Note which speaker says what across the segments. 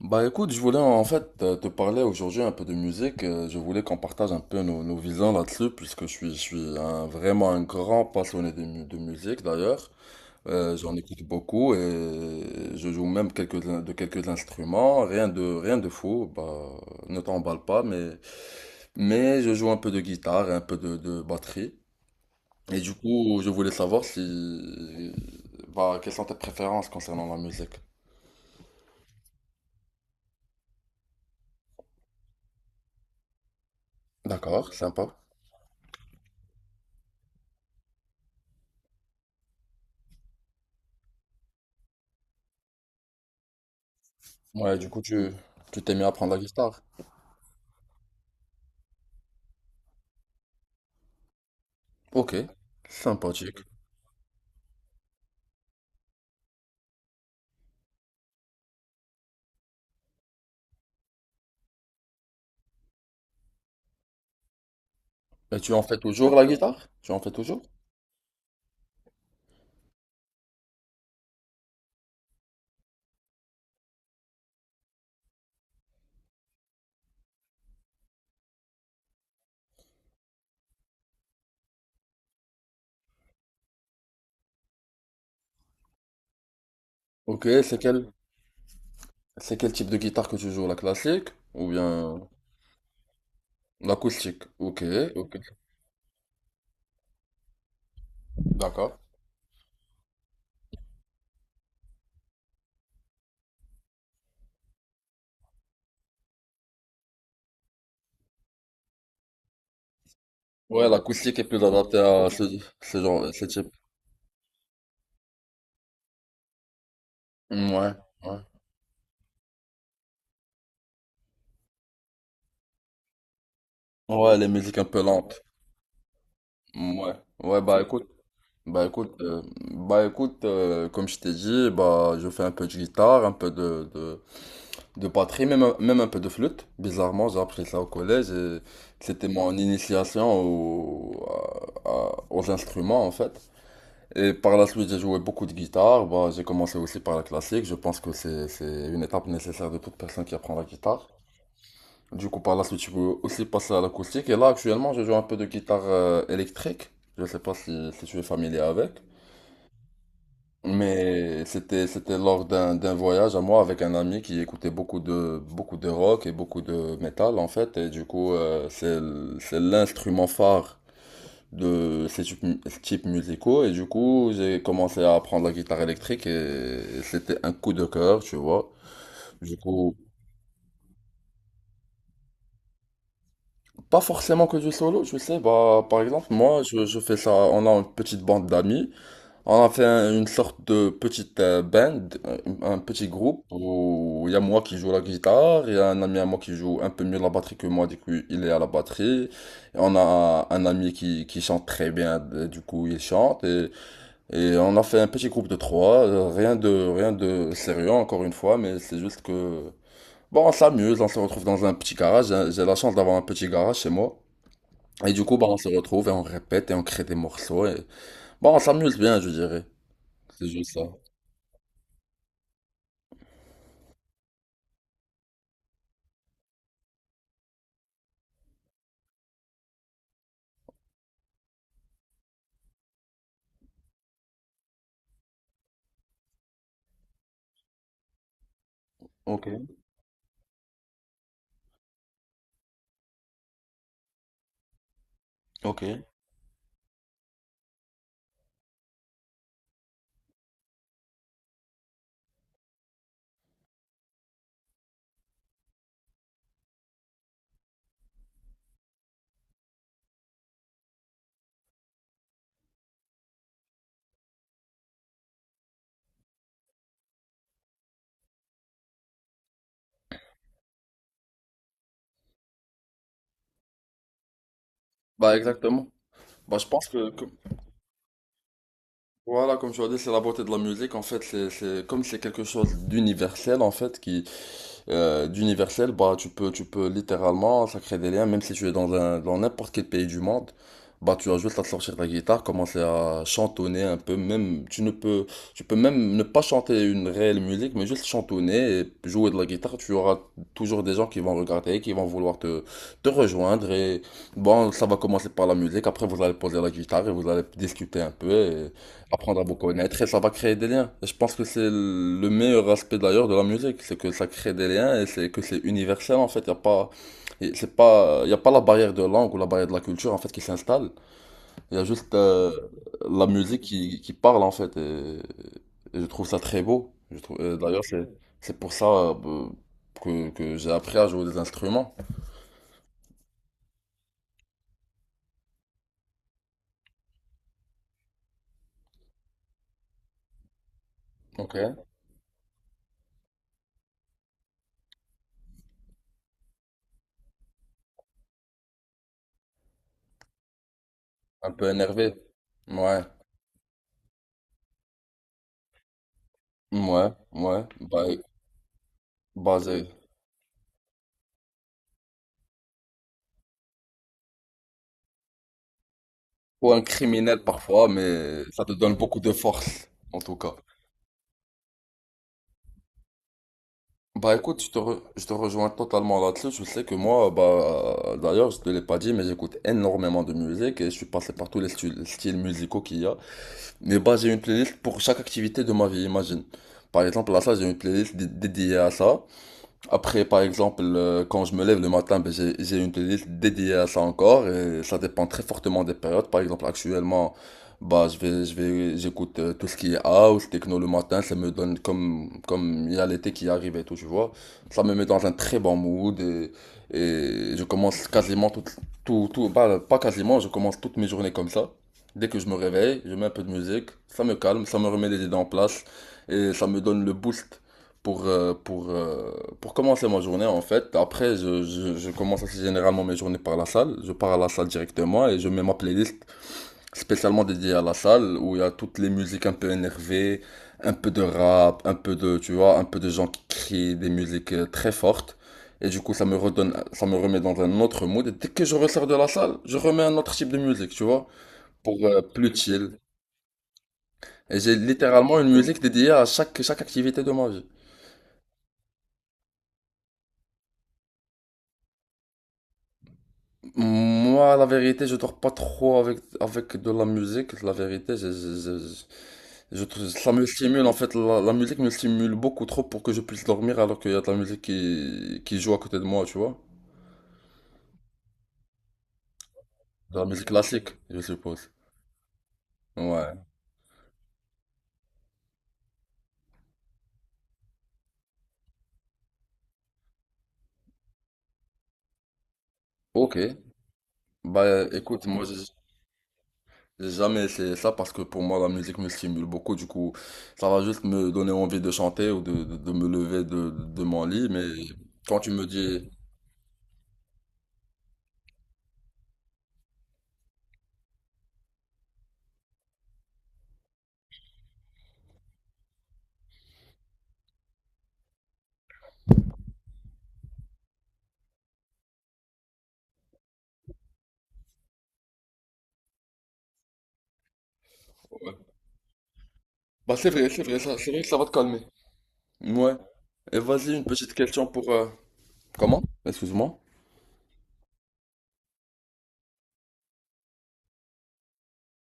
Speaker 1: Bah écoute, je voulais en fait te parler aujourd'hui un peu de musique. Je voulais qu'on partage un peu nos visions là-dessus, puisque je suis vraiment un grand passionné de musique d'ailleurs. J'en écoute beaucoup et je joue même de quelques instruments. Rien de fou, bah ne t'emballe pas, mais je joue un peu de guitare et un peu de batterie. Et du coup, je voulais savoir si, bah, quelles sont tes préférences concernant la musique. D'accord, sympa. Ouais, du coup, tu t'es mis à prendre la guitare. Ok, sympathique. Et tu en fais toujours la guitare? Tu en fais toujours? Ok, c'est quel type de guitare que tu joues? La classique ou bien l'acoustique? Ok, ok, d'accord. Ouais, l'acoustique est plus adaptée à ce genre, ce type. Ouais, ouais. Ouais, les musiques un peu lentes. Ouais, ouais, bah écoute, euh, bah écoute, comme je t'ai dit, bah je fais un peu de guitare, un peu de batterie, même, même un peu de flûte. Bizarrement, j'ai appris ça au collège et c'était mon initiation aux instruments en fait. Et par la suite, j'ai joué beaucoup de guitare. Bah, j'ai commencé aussi par la classique. Je pense que c'est une étape nécessaire de toute personne qui apprend la guitare. Du coup, par la suite, je peux aussi passer à l'acoustique. Et là, actuellement, je joue un peu de guitare électrique. Je sais pas si, si tu es familier avec. Mais c'était lors d'un voyage à moi avec un ami qui écoutait beaucoup de rock et beaucoup de métal en fait. Et du coup c'est l'instrument phare de ces types musicaux, et du coup j'ai commencé à apprendre la guitare électrique et c'était un coup de cœur, tu vois. Du coup, pas forcément que du solo. Je sais, bah par exemple moi je fais ça, on a une petite bande d'amis. On a fait une sorte de petite band, un petit groupe où il y a moi qui joue la guitare, il y a un ami à moi qui joue un peu mieux la batterie que moi, du coup il est à la batterie. Et on a un ami qui chante très bien, du coup il chante. Et on a fait un petit groupe de trois, rien de sérieux encore une fois, mais c'est juste que... Bon, on s'amuse, on se retrouve dans un petit garage, j'ai la chance d'avoir un petit garage chez moi. Et du coup, bah, on se retrouve et on répète et on crée des morceaux. Et... Bon, on s'amuse bien, je dirais. C'est juste ça. Ok, ok. Bah exactement. Bah je pense que voilà, comme tu as dit, c'est la beauté de la musique. En fait, comme c'est quelque chose d'universel en fait qui d'universel, bah, tu peux littéralement, ça crée des liens, même si tu es dans dans n'importe quel pays du monde, bah, tu as juste à sortir ta guitare, commencer à chantonner un peu, même, tu peux même ne pas chanter une réelle musique, mais juste chantonner et jouer de la guitare, tu auras toujours des gens qui vont regarder, qui vont vouloir te rejoindre bon, ça va commencer par la musique, après vous allez poser la guitare et vous allez discuter un peu et apprendre à vous connaître et ça va créer des liens. Et je pense que c'est le meilleur aspect d'ailleurs de la musique, c'est que ça crée des liens et c'est que c'est universel en fait. Il y a pas, et c'est pas, Y a pas la barrière de langue ou la barrière de la culture en fait qui s'installe. Il y a juste la musique qui parle en fait. Et je trouve ça très beau. Je trouve, et d'ailleurs C'est pour ça que j'ai appris à jouer des instruments. Ok. Un peu énervé. Ouais. Ouais. Ouais. Bah, bah, ou un criminel parfois, mais ça te donne beaucoup de force, en tout cas. Bah écoute, je je te rejoins totalement là-dessus. Je sais que moi, bah d'ailleurs, je te l'ai pas dit, mais j'écoute énormément de musique et je suis passé par tous les styles musicaux qu'il y a. Mais bah j'ai une playlist pour chaque activité de ma vie, imagine. Par exemple, là, ça, j'ai une playlist dédiée à ça. Après, par exemple, quand je me lève le matin, ben, j'ai une playlist dédiée à ça encore, et ça dépend très fortement des périodes. Par exemple, actuellement, bah, j'écoute tout ce qui est house, techno le matin. Ça me donne comme, comme il y a l'été qui arrive et tout, tu vois. Ça me met dans un très bon mood, et je commence quasiment bah, pas quasiment, je commence toutes mes journées comme ça. Dès que je me réveille, je mets un peu de musique, ça me calme, ça me remet les idées en place et ça me donne le boost pour, euh, pour, euh, pour commencer ma journée, en fait. Après, je commence assez généralement mes journées par la salle. Je pars à la salle directement et je mets ma playlist spécialement dédiée à la salle où il y a toutes les musiques un peu énervées, un peu de rap, un peu tu vois, un peu de gens qui crient des musiques très fortes. Et du coup, ça me redonne, ça me remet dans un autre mood. Et dès que je ressors de la salle, je remets un autre type de musique, tu vois, pour plus chill. Et j'ai littéralement une musique dédiée à chaque activité de ma vie. Moi, la vérité, je dors pas trop avec de la musique. La vérité, ça me stimule. En fait, la musique me stimule beaucoup trop pour que je puisse dormir alors qu'il y a de la musique qui joue à côté de moi, tu vois. De la musique classique, je suppose. Ouais. Ok. Bah écoute, moi, j'ai jamais essayé ça parce que pour moi, la musique me stimule beaucoup. Du coup, ça va juste me donner envie de chanter ou de me lever de mon lit. Mais quand tu me dis... Ouais. Bah c'est vrai, ça, c'est vrai que ça va te calmer. Ouais. Et vas-y, une petite question pour... Comment? Excuse-moi.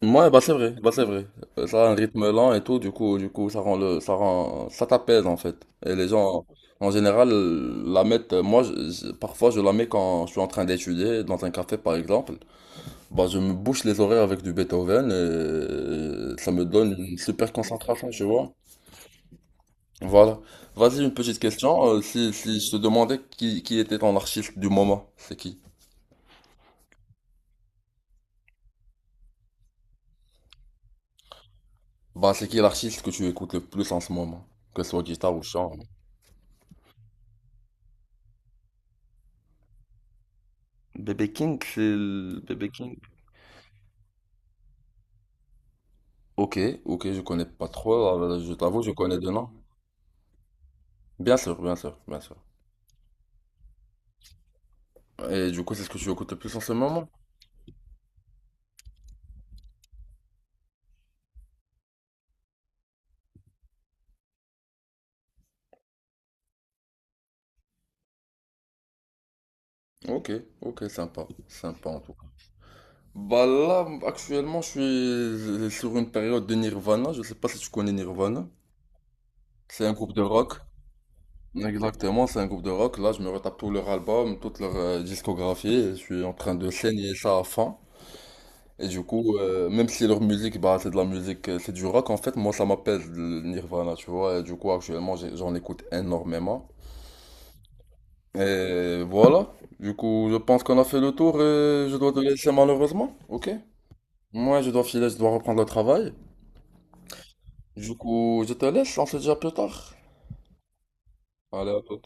Speaker 1: Ouais, bah c'est vrai, bah c'est vrai. Ça a un rythme lent et tout, du coup, ça rend ça t'apaise en fait. Et les gens, en général, la mettent. Moi, parfois, je la mets quand je suis en train d'étudier dans un café, par exemple. Bah, je me bouche les oreilles avec du Beethoven et ça me donne une super concentration, tu vois. Voilà. Vas-y, une petite question. Si je te demandais qui était ton artiste du moment, c'est qui? Bah, c'est qui l'artiste que tu écoutes le plus en ce moment? Que ce soit guitare ou chant. Bébé King, Bébé King. Ok, ok, je connais pas trop, je t'avoue, je connais deux noms. Bien sûr, bien sûr, bien sûr. Et du coup, c'est ce que tu écoutes le plus en ce moment? Ok, ok, sympa, sympa en tout cas. Bah là, actuellement, je suis sur une période de Nirvana, je sais pas si tu connais Nirvana. C'est un groupe de rock. Exactement, c'est un groupe de rock. Là, je me retape tout leur album, toute leur discographie, et je suis en train de saigner ça à fond. Et du coup, même si leur musique, bah, c'est de la musique, c'est du rock, en fait, moi, ça m'appelle le Nirvana, tu vois. Et du coup, actuellement, j'en écoute énormément. Et voilà. Du coup, je pense qu'on a fait le tour et je dois te laisser, malheureusement. Ok? Moi, je dois filer, je dois reprendre le travail. Du coup, je te laisse, on se dit à plus tard. Allez, à tout